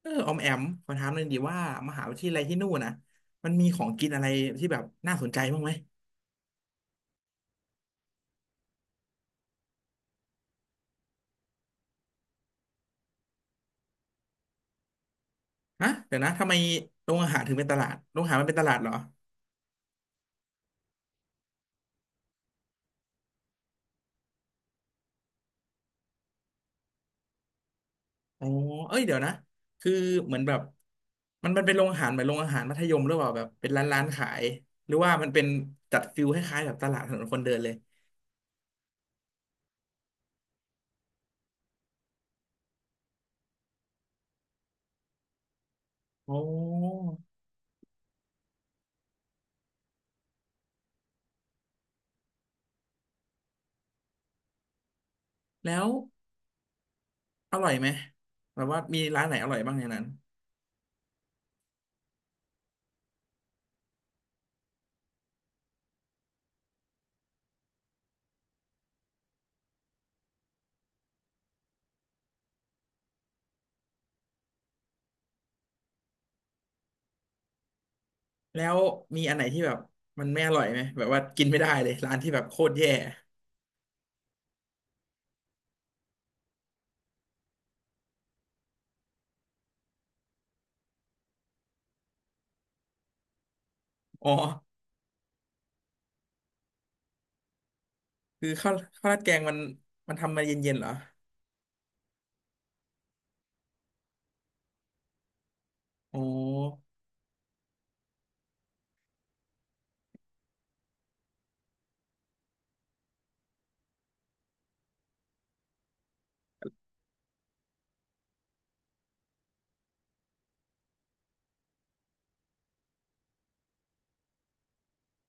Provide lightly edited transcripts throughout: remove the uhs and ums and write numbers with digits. เออออมแอมขอถามหน่อยดีว่ามหาวิทยาลัยที่นู่นนะมันมีของกินอะไรที่แบบน่าสนใจบ้างไหมฮะเดี๋ยวนะทำไมโรงอาหารถึงเป็นตลาดโรงอาหารมันเป็นตลาดเหรออ๋อเอ้ยเดี๋ยวนะคือเหมือนแบบมันเป็นโรงอาหารเหมือนโรงอาหารมัธยมหรือเปล่าแบบเป็นร้านขายหรือว่ามันเป็นจัดฟิลคล้ายๆแบบตลาดถนนคนเดินเลยอ๋อแล้วอร่อยไหมแบบว่ามีร้านไหนอร่อยบ้างในนั้นแล้วมีอันไหนที่แบบมันไม่อร่อยไหมแบบว่ากินไม่ได้เลยร้านที่แบบโคตรแย่อ๋อ คือข้าวราดแกงมันมันทำมาเย็นๆเหรออ๋อ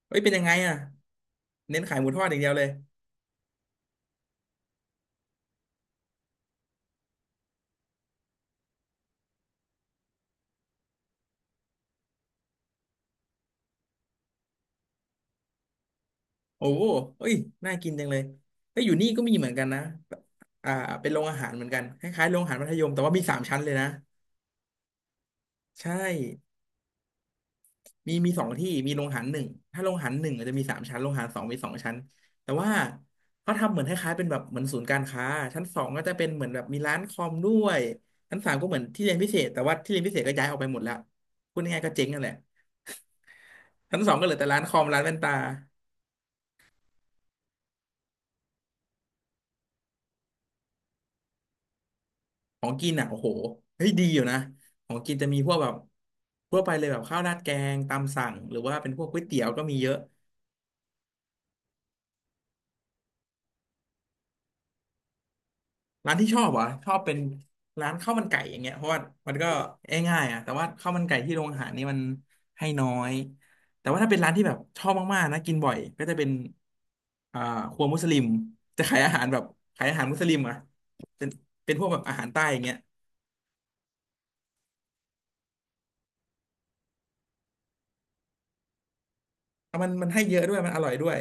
เอ้ยเป็นยังไงอ่ะเน้นขายหมูทอดอย่างเดียวเลยโอ้โหเอ้ยน่ากินจังเลยเอ้ยอยู่นี่ก็มีเหมือนกันนะอ่าเป็นโรงอาหารเหมือนกันคล้ายๆโรงอาหารมัธยมแต่ว่ามีสามชั้นเลยนะใช่มีมีสองที่มีโรงอาหารหนึ่งถ้าโรงอาหารหนึ่งอาจจะมีสามชั้นโรงอาหารสองมีสองชั้นแต่ว่าเขาทำเหมือนคล้ายๆเป็นแบบเหมือนศูนย์การค้าชั้นสองก็จะเป็นเหมือนแบบมีร้านคอมด้วยชั้นสามก็เหมือนที่เรียนพิเศษแต่ว่าที่เรียนพิเศษก็ย้ายออกไปหมดแล้วพูดง่ายๆก็เจ๊งนั่นแหละ ชั้นสองก็เหลือแต่ร้านคอมร้านแว่นตาของกินอ่ะโอ้โหเฮ้ยดีอยู่นะของกินจะมีพวกแบบทั่วไปเลยแบบข้าวราดแกงตามสั่งหรือว่าเป็นพวกก๋วยเตี๋ยวก็มีเยอะร้านที่ชอบเหรอะชอบเป็นร้านข้าวมันไก่อย่างเงี้ยเพราะว่ามันก็ง่ายๆอ่ะแต่ว่าข้าวมันไก่ที่โรงอาหารนี่มันให้น้อยแต่ว่าถ้าเป็นร้านที่แบบชอบมากๆนะกินบ่อยก็จะเป็นอ่าครัวมุสลิมจะขายอาหารแบบขายอาหารมุสลิมอ่ะเป็นเป็นพวกแบบอาหารใต้อย่างเงี้ยมันให้เยอะด้วยมันอร่อยด้วย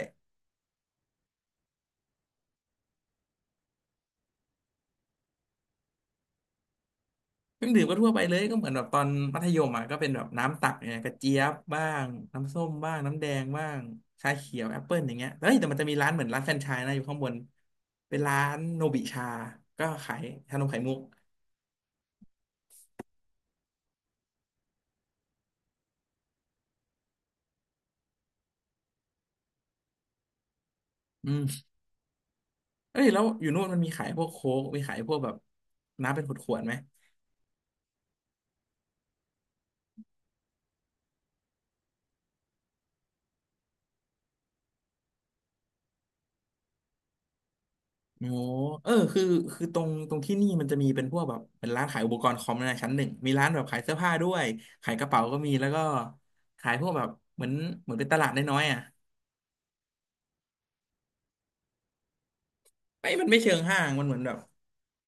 เครื่องดื่มก็ทั่วไปเลยก็เหมือนแบบตอนมัธยมอ่ะก็เป็นแบบน้ำตักเนี่ยกระเจี๊ยบบ้างน้ำส้มบ้างน้ำแดงบ้างชาเขียวแอปเปิลอย่างเงี้ยเฮ้ยแต่มันจะมีร้านเหมือนร้านแฟรนไชส์นะอยู่ข้างบนเป็นร้านโนบิชาก็ขายชานมไข่มุกอืมเอ้ยแล้วอยู่นู่นมันมีขายพวกโค้กมีขายพวกแบบน้ำเป็นขวดๆไหมโอ้เออคือตรงที่นี่มันจะมีเป็นพวกแบบเป็นร้านขายอุปกรณ์คอมในชั้นหนึ่งมีร้านแบบขายเสื้อผ้าด้วยขายกระเป๋าก็มีแล้วก็ขายพวกแบบเหมือนเหมือนเป็นตลาดน้อยๆอ่ะ ไม่มันไม่เชิงห้างมันเหมือนแบบ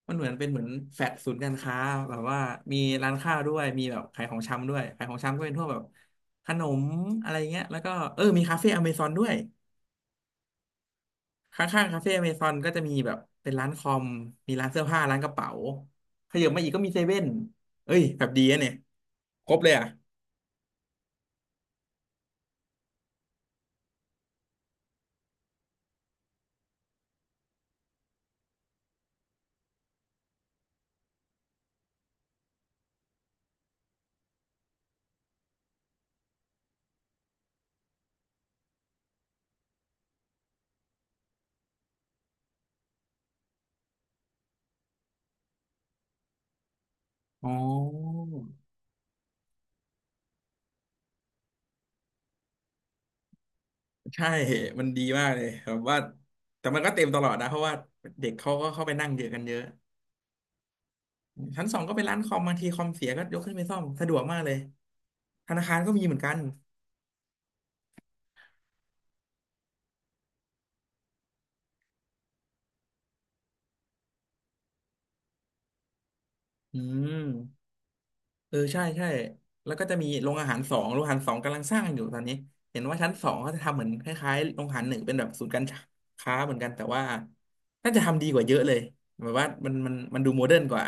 มันเหมือนเป็นเหมือนแฟลตศูนย์การค้าแบบว่ามีร้านข้าวด้วยมีแบบขายของชำด้วยขายของชำก็เป็นพวกแบบขนมอะไรเงี้ยแล้วก็เออมีคาเฟ่อเมซอนด้วยข้างๆคาเฟ่อเมซอนก็จะมีแบบเป็นร้านคอมมีร้านเสื้อผ้าร้านกระเป๋าขยับมาอีกก็มีเซเว่นเอ้ยแบบดีอะเนี่ยครบเลยอ่ะอ๋อใช่มันดีมากเลยแบบว่าแต่มันก็เต็มตลอดนะเพราะว่าเด็กเขาก็เข้าไปนั่งเยอะกันเยอะ ชั้นสองก็เป็นร้านคอมบางทีคอมเสียก็ยกขึ้นไปซ่อมสะดวกมากเลยธนาคารก็มีเหมือนกันอืมเออใช่ใช่แล้วก็จะมีโรงอาหารสองโรงอาหารสองกำลังสร้างอยู่ตอนนี้เห็นว่าชั้นสองเขาจะทำเหมือนคล้ายๆโรงอาหารหนึ่งเป็นแบบศูนย์การค้าเหมือนกันแต่ว่าน่าจะทำดีกว่าเยอะเลยแบบว่ามันดูโมเดิร์นกว่า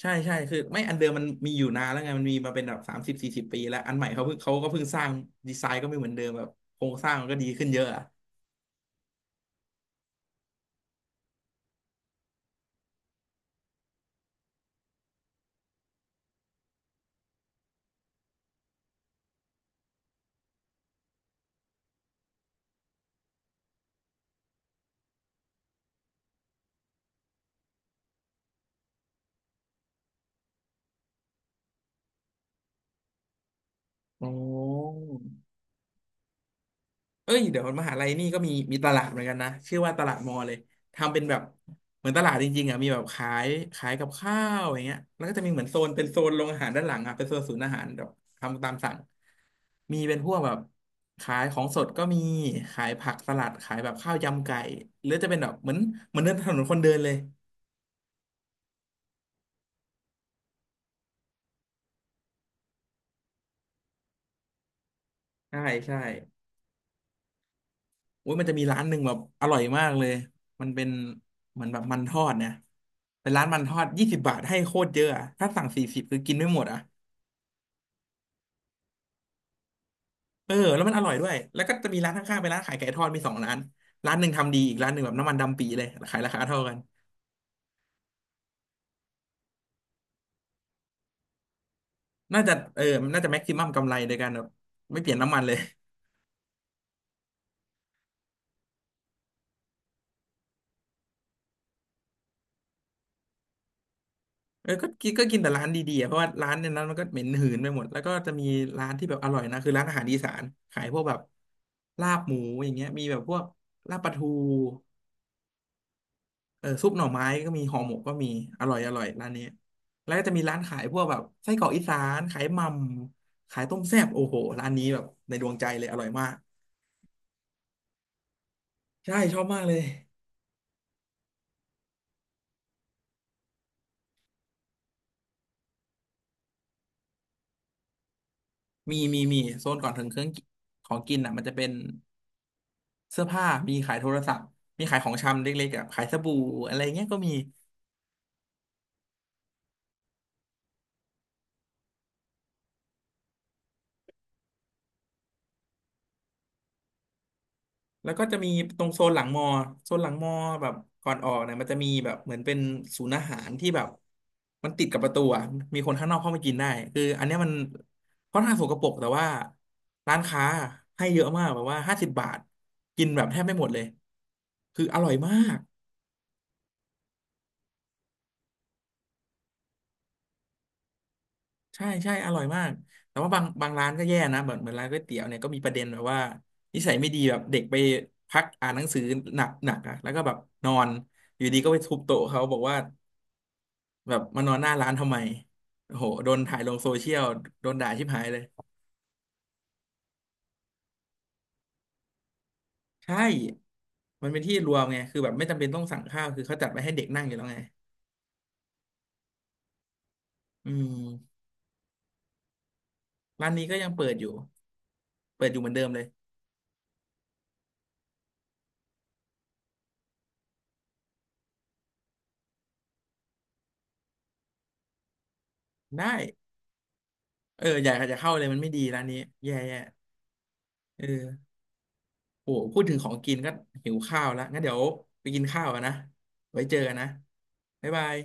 ใช่ใช่คือไม่อันเดิมมันมีอยู่นานแล้วไงมันมีมาเป็นแบบ30-40 ปีแล้วอันใหม่เขาเพิ่งเขาก็เพิ่งสร้างดีไซน์ก็ไม่เหมือนเดิมแบบโครงสร้างมันก็ดีขึ้นเยอะอะโอ้ เอ้ยเดี๋ยวมหาลัยนี่ก็มีมีตลาดเหมือนกันนะชื่อว่าตลาดมอเลยทำเป็นแบบเหมือนตลาดจริงๆอ่ะมีแบบขายขายกับข้าวอย่างเงี้ยแล้วก็จะมีเหมือนโซนเป็นโซนโรงอาหารด้านหลังอ่ะเป็นโซนศูนย์อาหารแบบทำตามสั่งมีเป็นพวกแบบขายของสดก็มีขายผักสลัดขายแบบข้าวยำไก่หรือจะเป็นแบบเหมือนเหมือนเดินถนนคนเดินเลยใช่ใช่ อุ้ยมันจะมีร้านหนึ่งแบบอร่อยมากเลยมันเป็นเหมือนแบบมันทอดเนี่ยเป็นร้านมันทอด20 บาทให้โคตรเยอะอะถ้าสั่ง40คือกินไม่หมดอ่ะเออแล้วมันอร่อยด้วยแล้วก็จะมีร้านข้างๆเป็นร้านขายไก่ทอดมีสองร้านร้านหนึ่งทำดีอีกร้านหนึ่งแบบน้ำมันดำปีเลยขายราคาเท่ากันน่าจะเออมันน่าจะแม็กซิมัมกำไรโดยการแบบไม่เปลี่ยนน้ำมันเลยเออก็กินแต่ร้านดีๆอะเพราะว่าร้านในนั้นมันก็เหม็นหืนไปหมดแล้วก็จะมีร้านที่แบบอร่อยนะคือร้านอาหารอีสานขายพวกแบบลาบหมูอย่างเงี้ยมีแบบพวกลาบปลาทู เออซุปหน่อไม้ก็มีห่อหมกก็มีอร่อยอร่อยร้านนี้แล้วก็จะมีร้านขายพวกแบบไส้กรอกอีสานขายหม่ำขายต้มแซ่บโอ้โหร้านนี้แบบในดวงใจเลยอร่อยมากใช่ชอบมากเลยมีโซนก่อนถึงเครื่องกิของกินอ่ะมันจะเป็นเสื้อผ้ามีขายโทรศัพท์มีขายของชำเล็กๆอ่ะขายสบู่อะไรเงี้ยก็มี แล้วก็จะมีตรงโซนหลังมอโซนหลังมอแบบก่อนออกเนี่ยมันจะมีแบบเหมือนเป็นศูนย์อาหารที่แบบมันติดกับประตูอ่ะมีคนข้างนอกเข้ามากินได้คืออันเนี้ยมันค่อนข้างสกปรกแต่ว่าร้านค้าให้เยอะมากแบบว่า50 บาทกินแบบแทบไม่หมดเลยคืออร่อยมากใช่ใช่อร่อยมาก แต่ว่าบางร้านก็แย่นะเหมือนร้านก๋วยเตี๋ยวเนี่ยก็มีประเด็นแบบว่านิสัยไม่ดีแบบเด็กไปพักอ่านหนังสือหนักหนักอ่ะแล้วก็แบบนอนอยู่ดีก็ไปทุบโต๊ะเขาบอกว่า แบบมานอนหน้าร้านทำไมโอ้โห โดนถ่ายลงโซเชียลโดนด่าชิบหายเลยใช่มันเป็นที่รวมไงคือแบบไม่จำเป็นต้องสั่งข้าวคือเขาจัดไว้ให้เด็กนั่งอยู่แล้วไงอืมร้านนี้ก็ยังเปิดอยู่ เปิดอยู่เหมือนเดิมเลย ได้เอออยากจะเข้าเลยมันไม่ดีร้านนี้แย่เออโหพูดถึงของกินก็หิวข้าวแล้วงั้นเดี๋ยวไปกินข้าวกันนะไว้เจอกันนะบ๊ายบาย